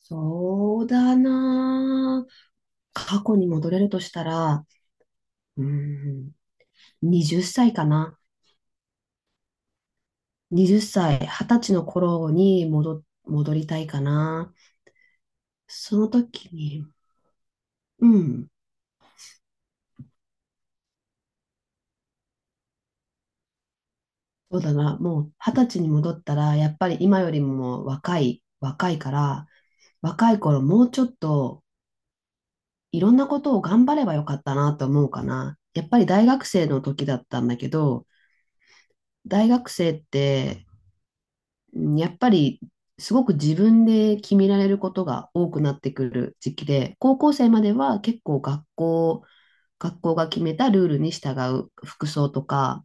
そうだな。過去に戻れるとしたら、うーん、20歳かな。20歳、20歳の頃に戻りたいかな。その時に、うん、そうだな。もう20歳に戻ったら、やっぱり今よりも若いから、若い頃もうちょっといろんなことを頑張ればよかったなと思うかな。やっぱり大学生の時だったんだけど、大学生ってうんやっぱりすごく自分で決められることが多くなってくる時期で、高校生までは結構学校が決めたルールに従う服装とか、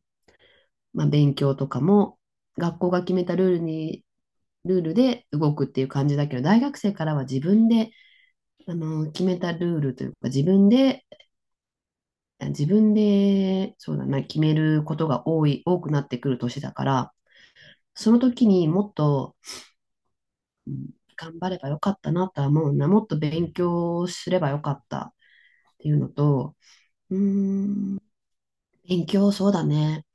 まあ、勉強とかも学校が決めたルールで動くっていう感じだけど、大学生からは自分で、決めたルールというか、自分で、そうだな、決めることが多くなってくる年だから、その時にもっと頑張ればよかったなとは思うな。もっと勉強すればよかったっていうのと、うーん、勉強そうだね。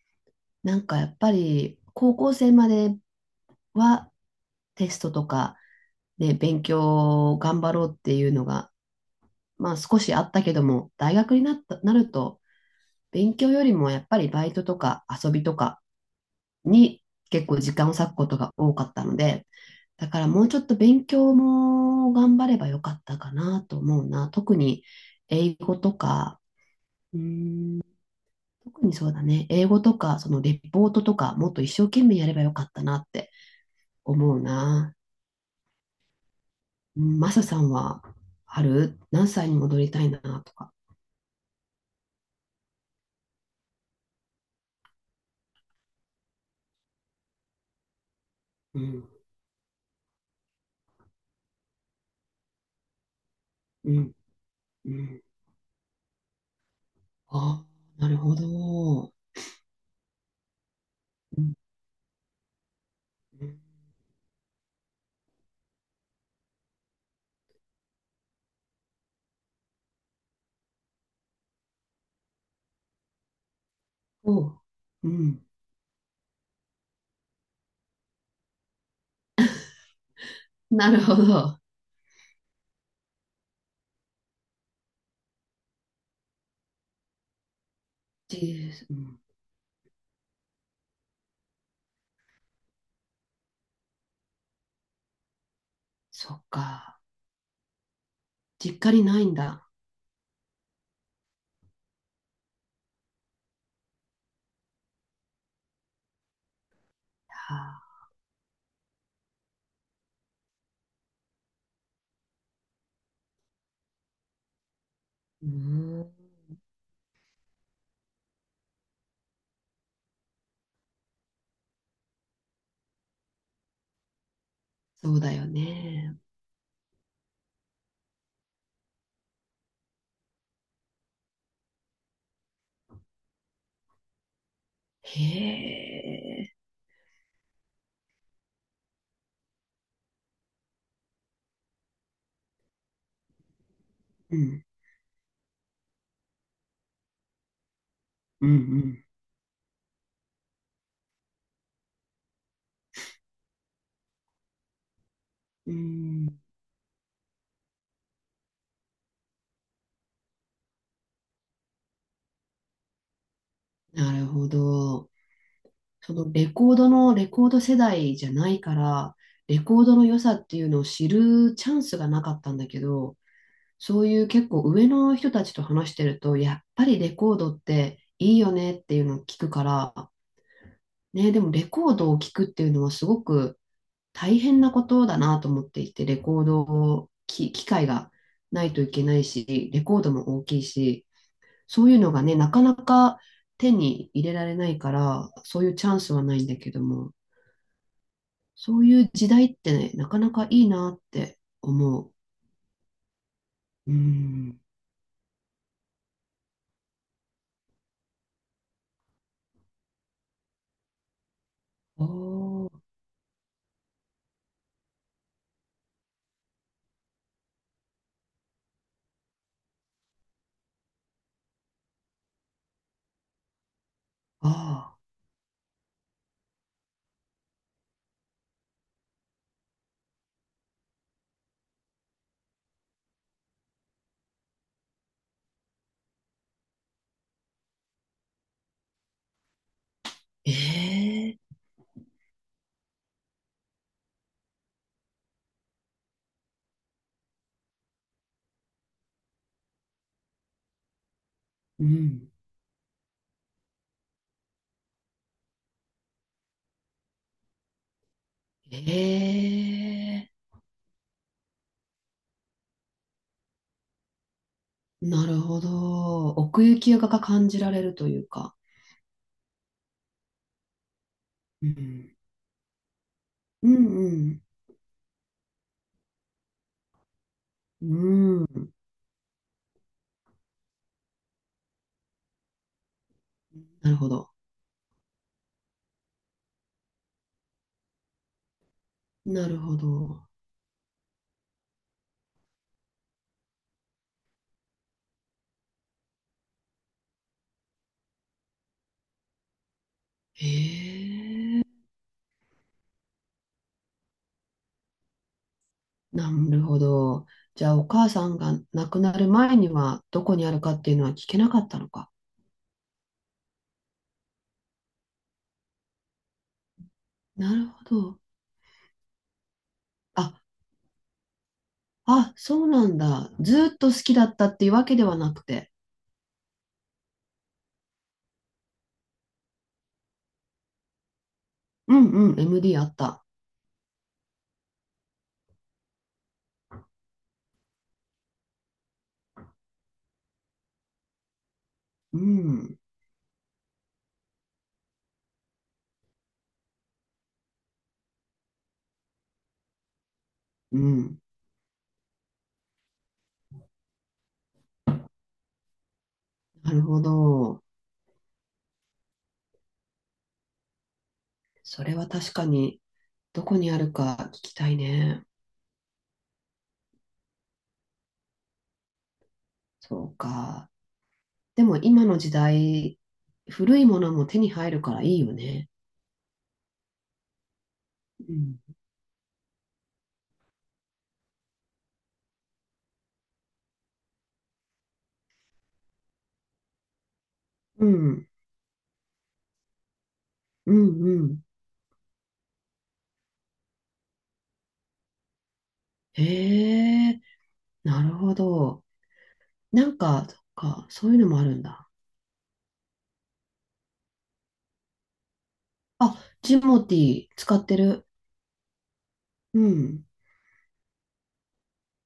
なんかやっぱり高校生まではテストとかで勉強を頑張ろうっていうのが、まあ少しあったけども、大学になった、なると勉強よりもやっぱりバイトとか遊びとかに結構時間を割くことが多かったので、だからもうちょっと勉強も頑張ればよかったかなと思うな。特に英語とか、うん、特にそうだね。英語とか、そのレポートとか、もっと一生懸命やればよかったなって思うな。うん、マサさんはある何歳に戻りたいなとか。うん、うん、うん。あ、なるほど。うん、うん、おう、うん。なるほど。うん、そっか。実家にないんだ。いやー、そうだよね。へえ。うん。うんうん。うん。なるほど。そのレコード世代じゃないから、レコードの良さっていうのを知るチャンスがなかったんだけど、そういう結構上の人たちと話してると、やっぱりレコードっていいよねっていうのを聞くから、ね、でもレコードを聞くっていうのはすごく大変なことだなと思っていて、レコードを、機械がないといけないし、レコードも大きいし、そういうのがね、なかなか手に入れられないから、そういうチャンスはないんだけども、そういう時代ってね、なかなかいいなって思う。うん。おー、ああ、ええ、うん。ええ、なるほど。奥行きが感じられるというか。うん。うんうん。うん。なるほど。なるほど。へえ、なるほど。じゃあ、お母さんが亡くなる前には、どこにあるかっていうのは聞けなかったのか。なるほど。あ、あ、そうなんだ。ずーっと好きだったっていうわけではなくて。うんうん、MD あった。うん、うん。なるほど。それは確かに、どこにあるか聞きたいね。そうか。でも、今の時代、古いものも手に入るからいいよね。うん。うんうんうん。へえ、なるほど。なんか、そっか、そういうのもあるんだ。あ、ジモティー使ってる。うん。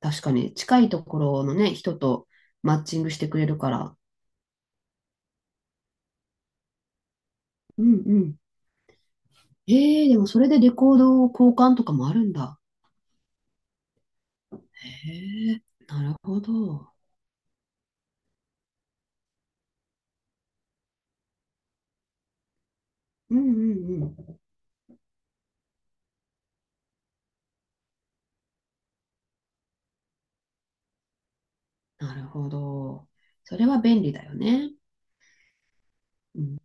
確かに、近いところのね、人とマッチングしてくれるから。うんうん。へえ、でもそれでレコード交換とかもあるんだ。へえ、なるほど。うんうんうん。なるほど。それは便利だよね。うん、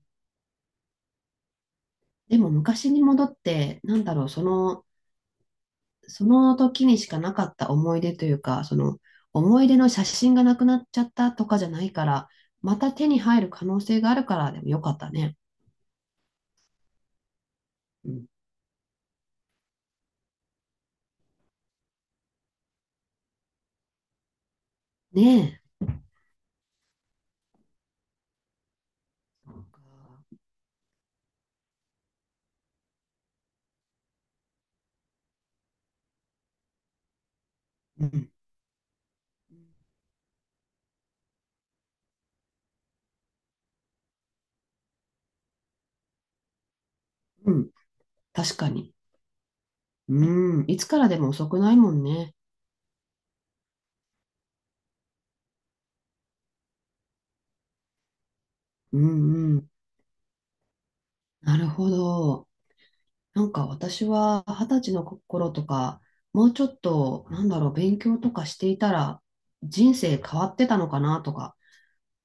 でも昔に戻って、なんだろう、その時にしかなかった思い出というか、その思い出の写真がなくなっちゃったとかじゃないから、また手に入る可能性があるから、でもよかったね。うん、ねえ。うん、うん、確かに。うん、いつからでも遅くないもんね。うんうん。なるほど。なんか私は二十歳の頃とか、もうちょっと、なんだろう、勉強とかしていたら、人生変わってたのかなとか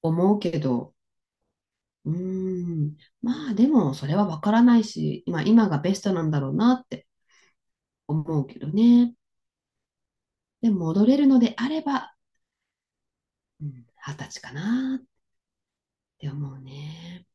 思うけど、うーん。まあでもそれはわからないし、今がベストなんだろうなって思うけどね。でも戻れるのであれば、うん、二十歳かなって思うね。